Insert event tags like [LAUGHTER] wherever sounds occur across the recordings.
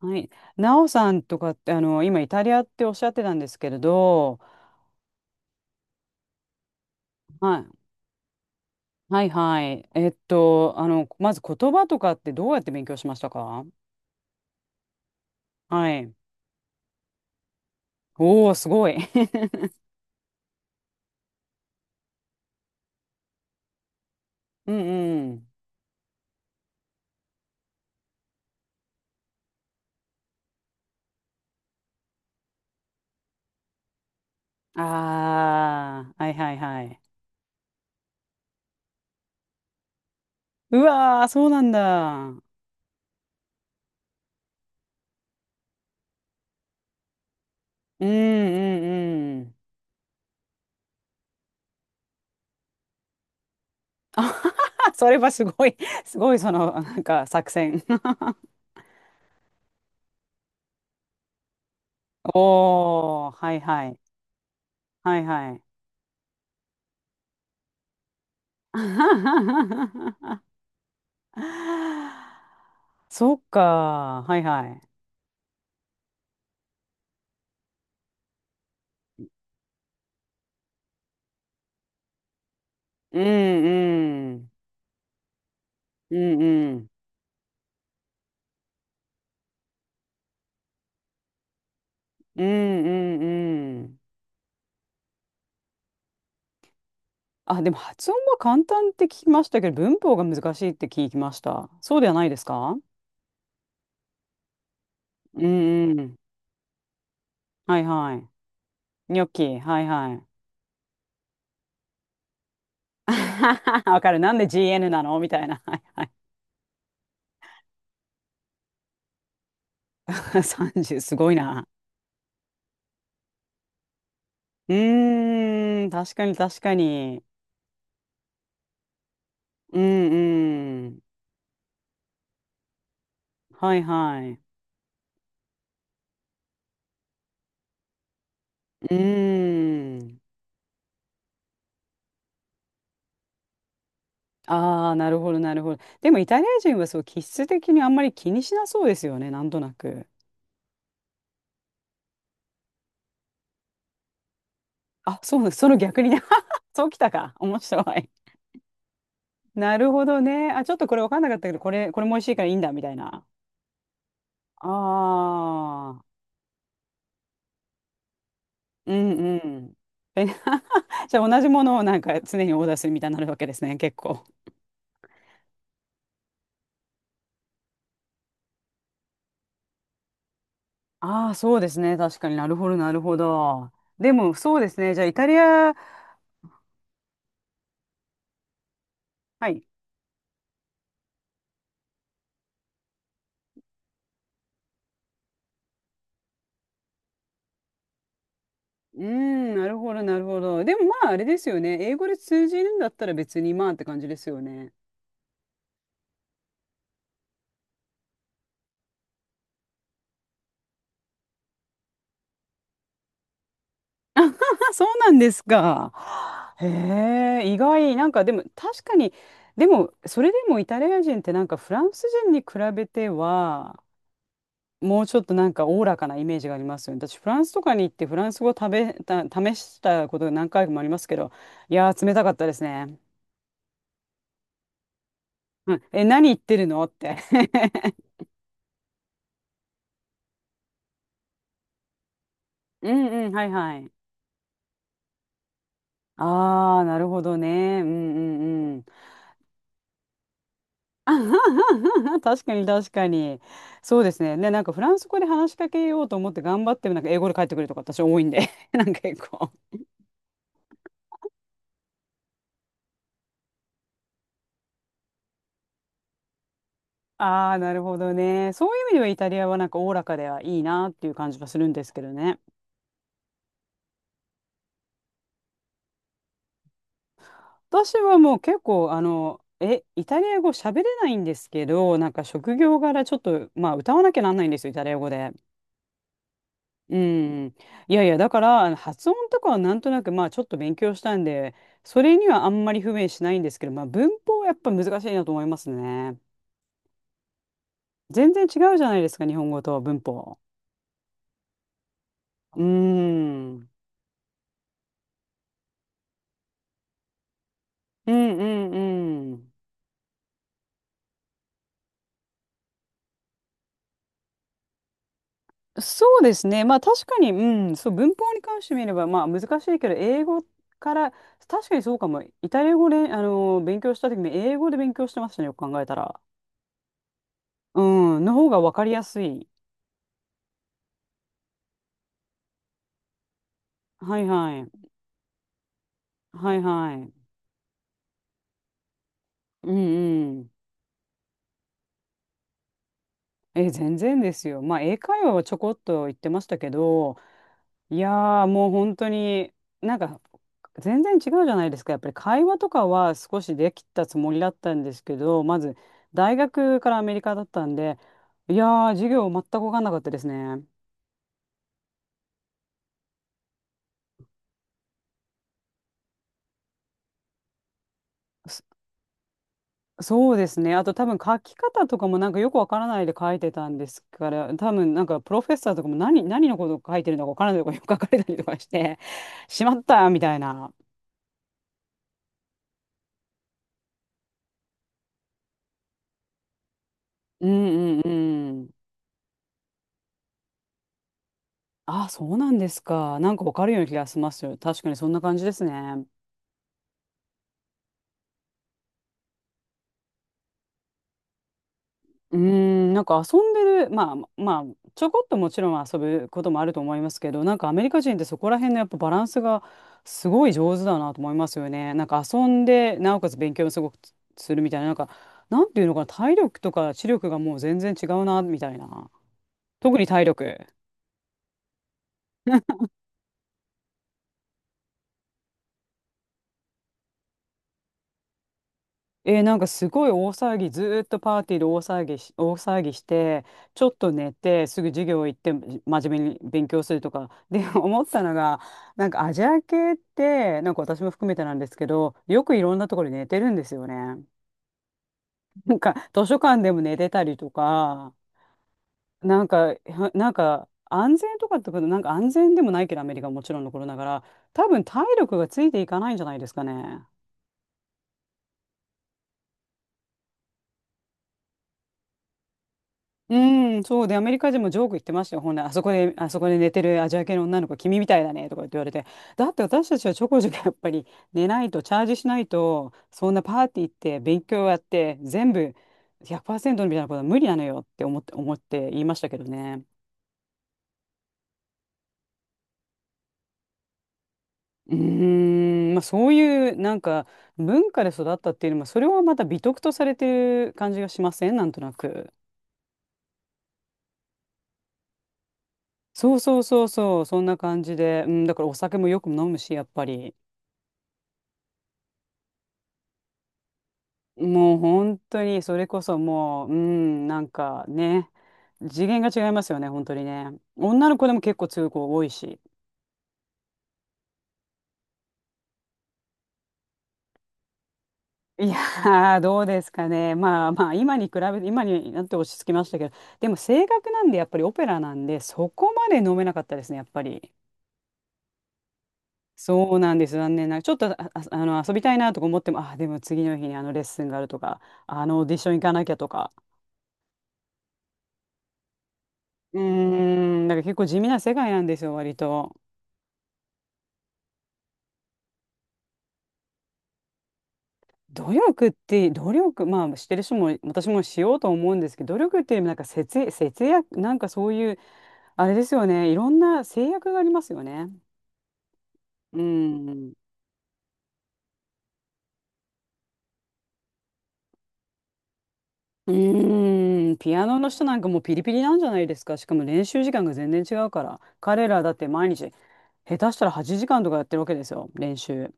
はい。なおさんとかって、今イタリアっておっしゃってたんですけれど、はい。はいはい。まず言葉とかってどうやって勉強しましたか？はい。おー、すごい。[LAUGHS] うんうん。ああ、はいはいはい。うわー、そうなんだ。うんうんうん。[LAUGHS] あはは、それはすごい、すごいその、なんか作戦。[LAUGHS] おー、はいはい。はいはい。[LAUGHS] そっか。はいはい。うんうん。うんうん。うんうんうん。あ、でも発音は簡単って聞きましたけど、文法が難しいって聞きました。そうではないですか？うんうん。はいはい。ニョッキ、はいはい。[LAUGHS] わかる。なんで GN なのみたいな。はいはい。[LAUGHS] 30、すごいな。うーん、確かに確かに。うんうん。はいはい。うーん。ああ、なるほど、なるほど。でもイタリア人はそう、気質的にあんまり気にしなそうですよね、なんとなく。あ、そうなその逆にね。[LAUGHS] そうきたか。面白い。なるほどね。あ、ちょっとこれ分かんなかったけど、これも美味しいからいいんだ、みたいな。ああ、うんうん。え [LAUGHS] じゃあ同じものをなんか常にオーダーするみたいになるわけですね、結構。ああ、そうですね。確かになるほど、なるほど。でも、そうですね。じゃあイタリア、はい。うん、なるほど、なるほど。でもまあ、あれですよね。英語で通じるんだったら別にまあって感じですよね。あ、そうなんですか。へえ、意外。なんかでも確かに、でもそれでもイタリア人ってなんかフランス人に比べては、もうちょっとなんかおおらかなイメージがありますよね。私、フランスとかに行ってフランス語食べた、試したことが何回もありますけど、いやー、冷たかったですね。うん、え、何言ってるのって。[LAUGHS] うんうん、はいはい。ああ、なるほどね。うんうんうん。[LAUGHS] 確かに確かに。そうですね。で、なんかフランス語で話しかけようと思って頑張っても、なんか英語で帰ってくるとか私多いんで、[LAUGHS] なんか結構。ああ、なるほどね。そういう意味ではイタリアはなんかおおらかではいいなっていう感じはするんですけどね。私はもう結構、イタリア語喋れないんですけど、なんか職業柄ちょっと、まあ歌わなきゃなんないんですよ、イタリア語で。うん。いやいや、だから、あの発音とかはなんとなく、まあ、ちょっと勉強したんで、それにはあんまり不便しないんですけど、まあ、文法はやっぱ難しいなと思いますね。全然違うじゃないですか、日本語と文法。うーん。うんうんうん。そうですね。まあ、確かに、うん、そう、文法に関して見れば、まあ、難しいけど、英語から、確かにそうかも。イタリア語で、勉強した時も、英語で勉強してましたね、よく考えたら。うん、の方が分かりやすい。はいはい。はいはい。うんうん。え、全然ですよ。まあ、英会話はちょこっと言ってましたけど、いやー、もう本当に、なんか、全然違うじゃないですか。やっぱり会話とかは少しできたつもりだったんですけど、まず、大学からアメリカだったんで、いやー、授業全く分かんなかったですね。そそうですね。あと多分書き方とかもなんかよくわからないで書いてたんですから、多分なんかプロフェッサーとかも何のことを書いてるのかわからないとかよく書かれたりとかして、[LAUGHS] しまったみたいな。うんうんうん。あ、そうなんですか。なんかわかるような気がしますよ。確かにそんな感じですね。うーん、なんか遊んでる、まあまあ、ちょこっともちろん遊ぶこともあると思いますけど、なんかアメリカ人ってそこら辺のやっぱバランスがすごい上手だなと思いますよね。なんか遊んで、なおかつ勉強もすごくつするみたいな、なんか、なんていうのかな、体力とか知力がもう全然違うな、みたいな。特に体力。えー、なんかすごい大騒ぎ、ずーっとパーティーで大騒ぎし、大騒ぎして、ちょっと寝て、すぐ授業行って、真面目に勉強するとか。で、[LAUGHS] 思ったのが、なんかアジア系って、なんか私も含めてなんですけど、よくいろんなところで寝てるんですよね。[LAUGHS] なんか図書館でも寝てたりとか、なんか、はなんか安全とかってこと、なんか安全でもないけど、アメリカはもちろんのことながら、多分体力がついていかないんじゃないですかね。うん、そうで、アメリカ人もジョーク言ってましたよ。ほんならあそこで寝てるアジア系の女の子、君みたいだね、とか言って言われて。だって私たちはちょこちょこやっぱり寝ないと、チャージしないと、そんなパーティー行って、勉強やって、全部100%みたいなことは無理なのよって思って言いましたけどね。うーん、まあそういうなんか文化で育ったっていうのも、それはまた美徳とされてる感じがしませんなんとなく。そうそうそうそう、そんな感じで。うん、だからお酒もよく飲むし、やっぱり。もう本当に、それこそもう、うん、なんかね、次元が違いますよね、本当にね。女の子でも結構強い子多いし。いやー、どうですかね。まあまあ、今に比べて、今になって落ち着きましたけど、でも性格なんで、やっぱりオペラなんで、そこまで飲めなかったですね、やっぱり。そうなんです、残念ながら。ちょっと、あの、遊びたいなとか思っても、あ、でも次の日にあのレッスンがあるとか、あのオーディション行かなきゃとか。うーん、だから結構地味な世界なんですよ、割と。努力、まあ、してる人も、私もしようと思うんですけど、努力っていうよりもなんか節約、節約、なんかそういう、あれですよね、いろんな制約がありますよね。うん。うーん、ピアノの人なんかもうピリピリなんじゃないですか。しかも練習時間が全然違うから。彼らだって毎日、下手したら8時間とかやってるわけですよ、練習。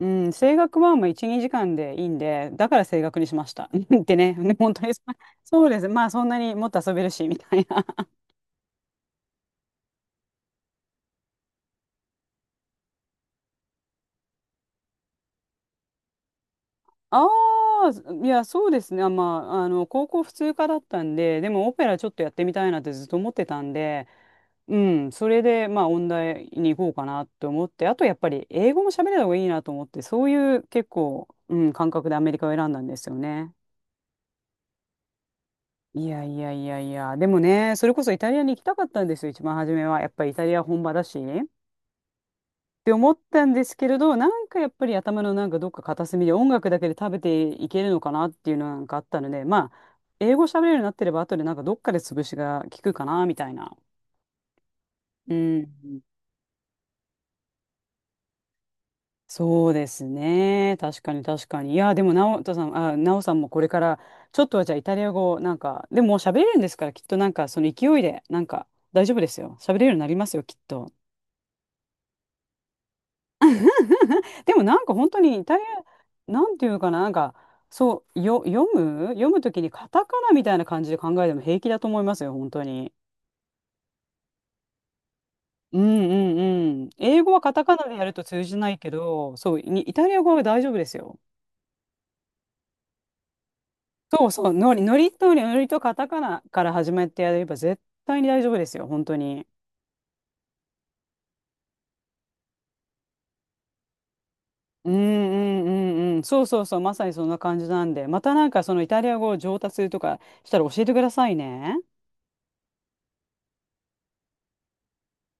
うん、声楽はまあ1、2時間でいいんで、だから声楽にしました。[LAUGHS] ってね、本当にそ [LAUGHS] そうです。まあそんなにもっと遊べるし、みたいな。ああ、いや、そうですね。あまあ、あの、高校普通科だったんで、でもオペラちょっとやってみたいなってずっと思ってたんで、うん、それで、まあ、音大に行こうかなと思って、あとやっぱり英語も喋れた方がいいなと思って、そういう結構、うん、感覚でアメリカを選んだんですよね。いやいやいやいや、でもね、それこそイタリアに行きたかったんですよ、一番初めは。やっぱりイタリア本場だし。って思ったんですけれど、なんかやっぱり頭のなんかどっか片隅で音楽だけで食べていけるのかなっていうのなんかあったので、まあ、英語喋れるようになってれば後でなんかどっかで潰しが効くかなみたいな。うん。そうですね。確かに確かに。いや、でも、なおさんもこれから、ちょっとはじゃあイタリア語、なんか、でももう喋れるんですから、きっとなんかその勢いで、なんか大丈夫ですよ。喋れるようになりますよ、きっと。でもなんか本当にイタリア、なんていうのかな、なんか、そう、よ、読むときにカタカナみたいな感じで考えても平気だと思いますよ、本当に。うんうんうん。英語はカタカナでやると通じないけど、そう、にイタリア語は大丈夫ですよ。そうそう、ノリとカタカナから始めてやれば絶対に大丈夫ですよ、本当に。うんうんうんうん。そうそうそう、まさにそんな感じなんで、またなんかそのイタリア語を上達するとかしたら教えてくださいね。